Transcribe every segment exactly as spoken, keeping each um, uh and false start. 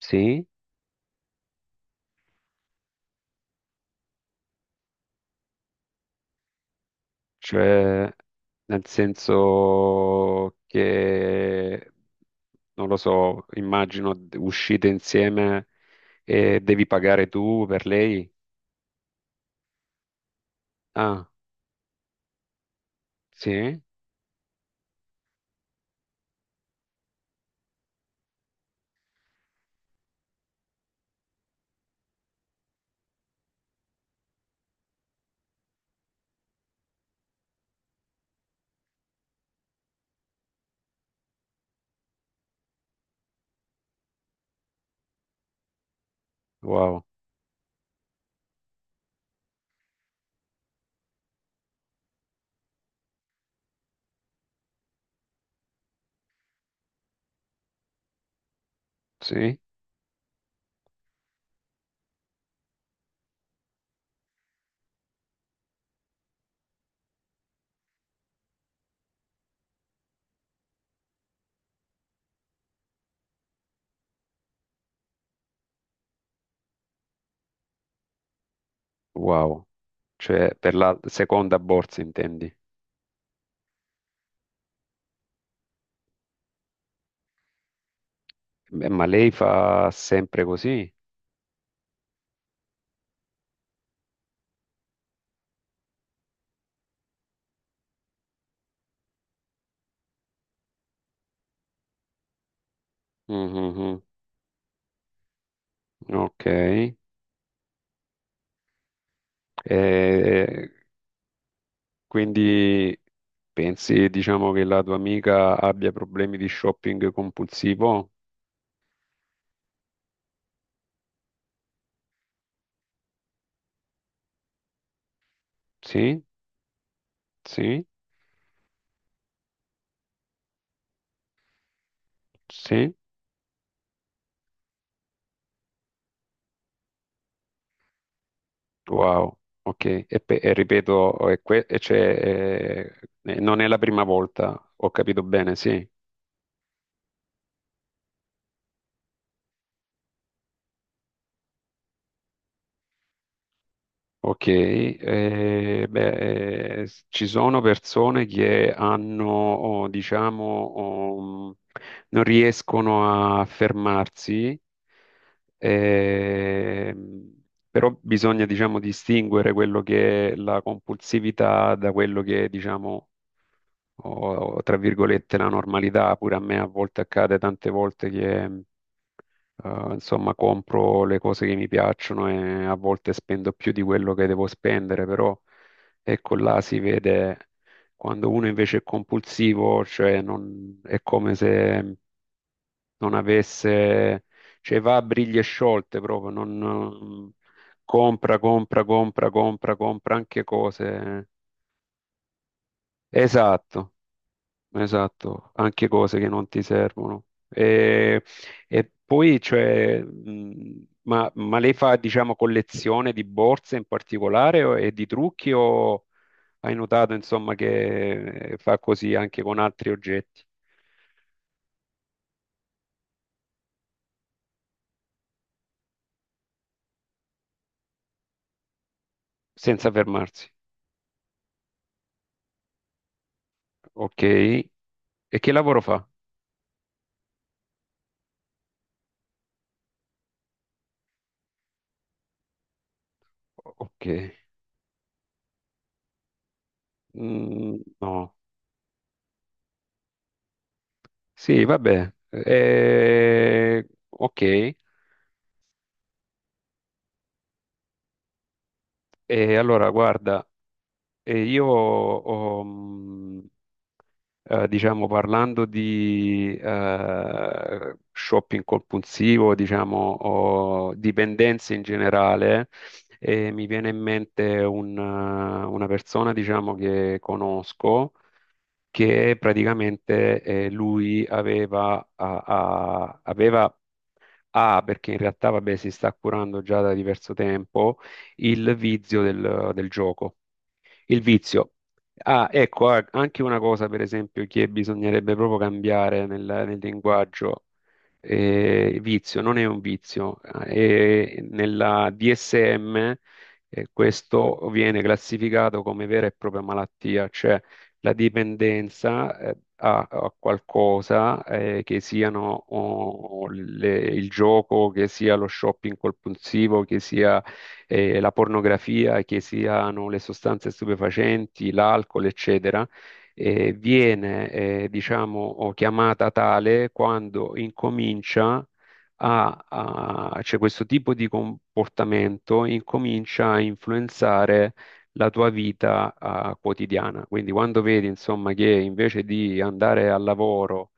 Sì, cioè nel senso che, non lo so, immagino d- uscite insieme e devi pagare tu per lei. Ah, sì, wow, sì, wow, cioè per la seconda borsa intendi. Beh, ma lei fa sempre così? Mhm. Ok. E quindi pensi, diciamo, che la tua amica abbia problemi di shopping compulsivo? Sì, sì, sì, wow, ok. E, pe- e ripeto, e que- e c'è, eh, non è la prima volta, ho capito bene, sì. Ok, eh, beh, eh, s- ci sono persone che hanno, oh, diciamo, oh, non riescono a fermarsi, ehm, però bisogna, diciamo, distinguere quello che è la compulsività da quello che è, diciamo, o tra virgolette la normalità. Pure a me a volte accade tante volte che eh, insomma compro le cose che mi piacciono e a volte spendo più di quello che devo spendere, però ecco là si vede quando uno invece è compulsivo, cioè non- è come se non avesse, cioè va a briglie sciolte proprio, non compra, compra, compra, compra, compra anche cose. Esatto. Esatto, anche cose che non ti servono. E, e poi, cioè, mh, ma, ma lei fa, diciamo, collezione di borse in particolare o- e di trucchi o hai notato, insomma, che eh, fa così anche con altri oggetti, senza fermarsi? Ok. E che lavoro fa? Ok. Mm, no. Sì, vabbè. Eh, ok. E allora, guarda, eh, io ho, mhmm, eh, diciamo, parlando di eh, shopping compulsivo, diciamo, o dipendenze in generale, eh, mi viene in mente un, eh, una persona, diciamo, che conosco, che praticamente eh, lui aveva, a- a- aveva ha, perché in realtà, vabbè, si sta curando già da diverso tempo, il vizio del del gioco. Il vizio. Ah, ecco, ah, anche una cosa, per esempio, che bisognerebbe proprio cambiare nel, nel linguaggio eh, vizio, non è un vizio. E nella D S M, eh, questo viene classificato come vera e propria malattia, cioè la dipendenza, eh, a, a qualcosa, eh, che siano oh, le- il gioco, che sia lo shopping compulsivo, che sia, eh, la pornografia, che siano le sostanze stupefacenti, l'alcol, eccetera eh, viene, eh, diciamo, o chiamata tale quando incomincia a, a- cioè questo tipo di comportamento incomincia a influenzare la tua vita, eh, quotidiana. Quindi quando vedi, insomma, che invece di andare al lavoro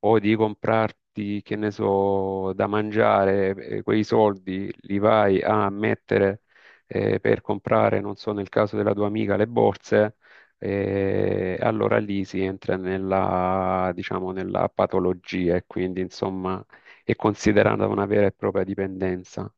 o di comprarti, che ne so, da mangiare, eh, quei soldi li vai a mettere eh, per comprare, non so, nel caso della tua amica, le borse, eh, allora lì si entra nella, diciamo, nella patologia e quindi, insomma, è considerata una vera e propria dipendenza.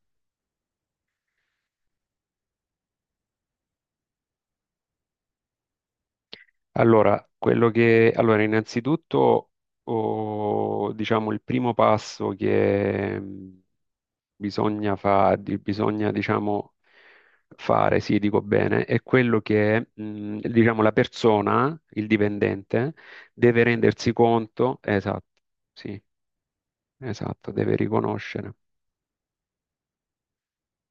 Allora, quello che, allora, innanzitutto, oh, diciamo, il primo passo che bisogna, fa- di- bisogna, diciamo, fare, sì, dico bene, è quello che, mh, diciamo, la persona, il dipendente, deve rendersi conto, esatto, sì, esatto, deve riconoscere,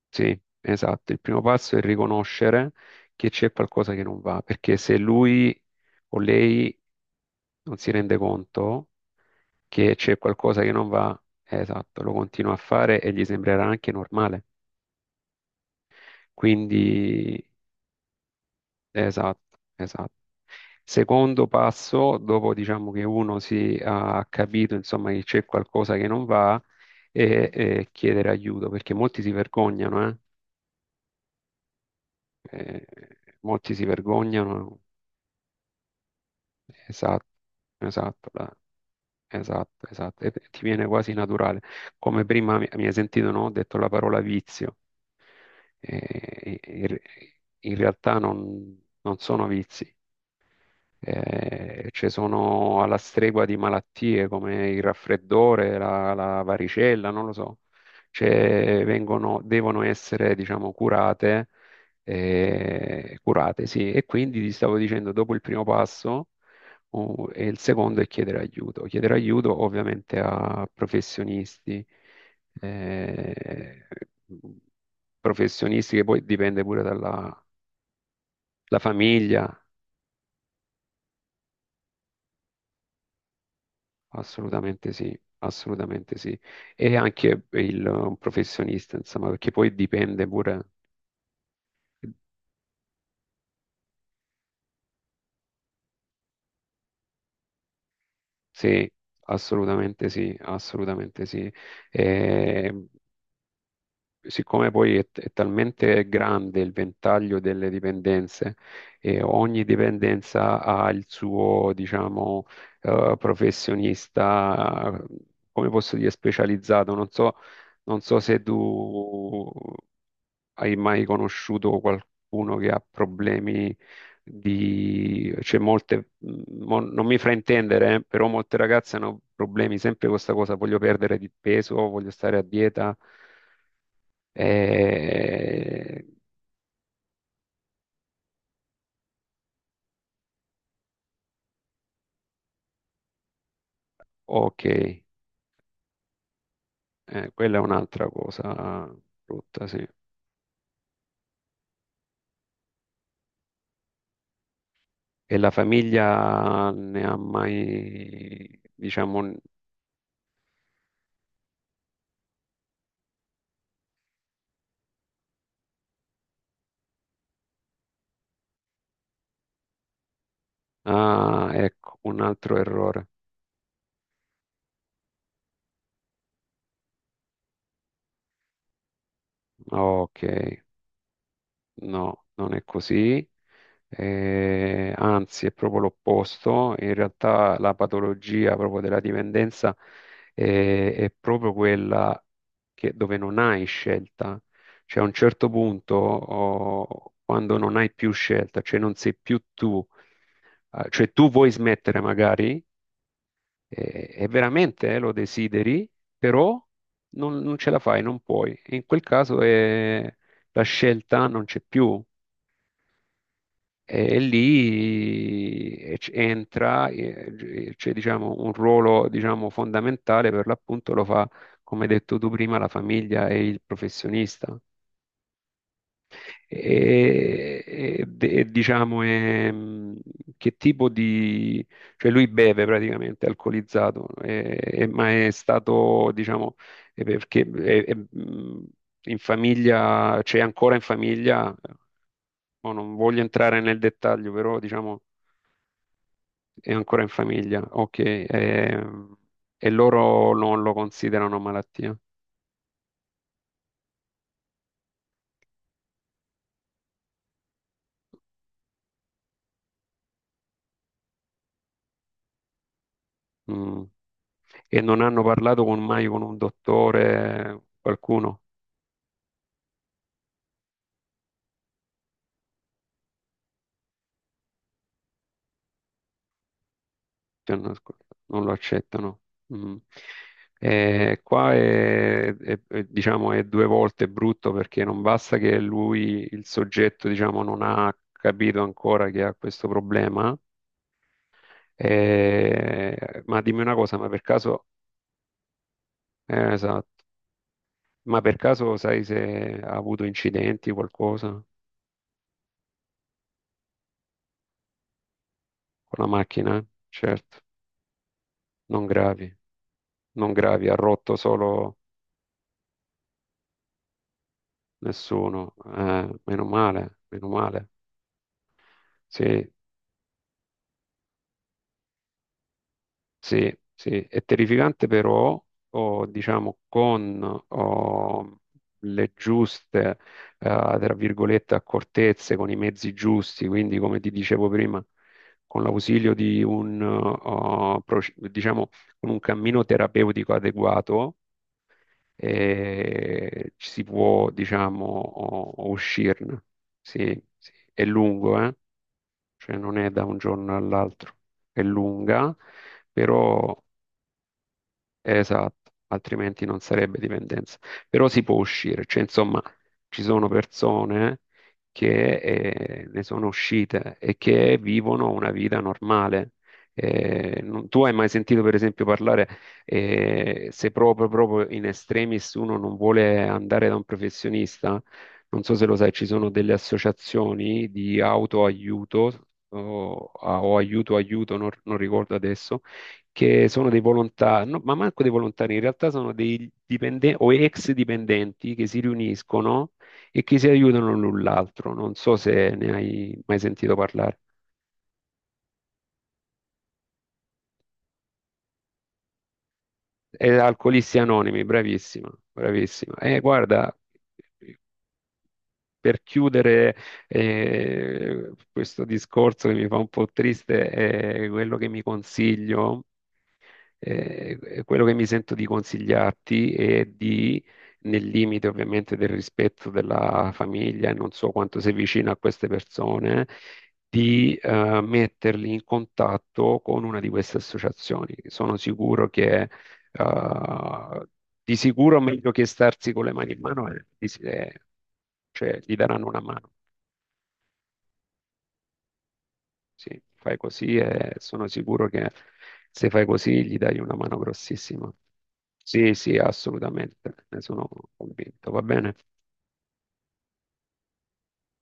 sì, esatto, il primo passo è riconoscere che c'è qualcosa che non va, perché se lui o lei non si rende conto che c'è qualcosa che non va, eh, esatto, lo continua a fare e gli sembrerà anche normale. Quindi esatto, esatto. Secondo passo, dopo diciamo che uno si ha capito insomma che c'è qualcosa che non va, e, e chiedere aiuto, perché molti si vergognano, eh? Eh, molti si vergognano. Esatto, esatto, la- esatto, esatto. E ti viene quasi naturale. Come prima mi, mi hai sentito, no? Ho detto la parola vizio. Eh, in, in realtà non non sono vizi. Eh, ci sono alla stregua di malattie come il raffreddore, la, la varicella, non lo so. Cioè, vengono, devono essere, diciamo, curate, eh, curate, sì. E quindi ti stavo dicendo, dopo il primo passo, uh, e il secondo è chiedere aiuto. Chiedere aiuto ovviamente a professionisti, eh, professionisti che poi dipende pure dalla la famiglia. Assolutamente sì, assolutamente sì. E anche il eh, professionista, insomma, perché poi dipende pure. Sì, assolutamente sì, assolutamente sì. E siccome poi è, è talmente grande il ventaglio delle dipendenze e ogni dipendenza ha il suo, diciamo, eh, professionista, come posso dire, specializzato, non so. Non so se tu hai mai conosciuto qualcuno che ha problemi di... cioè molte, mm, mo- non mi fraintendere, eh, però molte ragazze hanno problemi sempre con questa cosa, voglio perdere di peso, voglio stare a dieta. eh, Ok, eh, quella è un'altra cosa brutta, sì. E la famiglia ne ha mai, diciamo... n- Ah, ecco, un altro errore. Ok, no, non è così. Eh, anzi è proprio l'opposto, in realtà la patologia proprio della dipendenza eh, è proprio quella che- dove non hai scelta, cioè a un certo punto oh, quando non hai più scelta, cioè non sei più tu, eh, cioè tu vuoi smettere magari eh, e veramente eh, lo desideri, però non, non ce la fai, non puoi. In quel caso eh, la scelta non c'è più. E lì eh, c- entra, eh, gi- c'è diciamo, un ruolo diciamo, fondamentale per l'appunto lo fa, come hai detto tu prima, la famiglia e il professionista. E, e- e, diciamo, ehm, che tipo di... cioè lui beve praticamente, è alcolizzato, e- e- ma è stato, diciamo, è perché è- è, mh, in famiglia, c'è ancora in famiglia, mo non voglio entrare nel dettaglio, però diciamo è ancora in famiglia, ok, ehm, e loro non lo considerano malattia. Mm. E non hanno parlato con- mai con un dottore, qualcuno. Cioè, non non lo accettano. Mm. Eh, qua è, è- è, diciamo, è due volte brutto perché non basta che lui, il soggetto, diciamo, non ha capito ancora che ha questo problema. Eh, ma dimmi una cosa, ma per caso, eh, esatto. Ma per caso sai se ha avuto incidenti, qualcosa con la macchina? Certo, non gravi, non gravi, ha rotto solo nessuno. Eh, meno male, meno male. Sì, sì, sì, è terrificante però, o, diciamo, con o, le giuste, eh, tra virgolette, accortezze, con i mezzi giusti, quindi come ti dicevo prima, con l'ausilio di un, oh, proce- diciamo, con un cammino terapeutico adeguato, eh, ci si può, diciamo, oh, oh, uscirne. Sì, sì. È lungo, eh? Cioè non è da un giorno all'altro, è lunga però esatto, altrimenti non sarebbe dipendenza. Però si può uscire, cioè insomma ci sono persone che eh, ne sono uscite e che vivono una vita normale. Eh, non- tu hai mai sentito per esempio parlare eh, se proprio, proprio in estremis uno non vuole andare da un professionista? Non so se lo sai, ci sono delle associazioni di autoaiuto o, o aiuto aiuto, non non ricordo adesso che sono dei volontari, no, ma manco dei volontari, in realtà sono dei dipendenti o ex dipendenti che si riuniscono e che si aiutano l'un l'altro. Non so se ne hai mai sentito parlare. È Alcolisti Anonimi, bravissima, bravissima. E guarda, per chiudere eh, questo discorso che mi fa un po' triste, è quello che mi consiglio. Eh, quello che mi sento di consigliarti è di, nel limite ovviamente del rispetto della famiglia, e non so quanto sei vicino a queste persone, di eh, metterli in contatto con una di queste associazioni. Sono sicuro che, eh, di sicuro meglio che starsi con le mani in mano, eh, di- eh, cioè gli daranno una mano. Sì, fai così e sono sicuro che se fai così gli dai una mano grossissima. Sì, sì, assolutamente, ne sono convinto, va bene?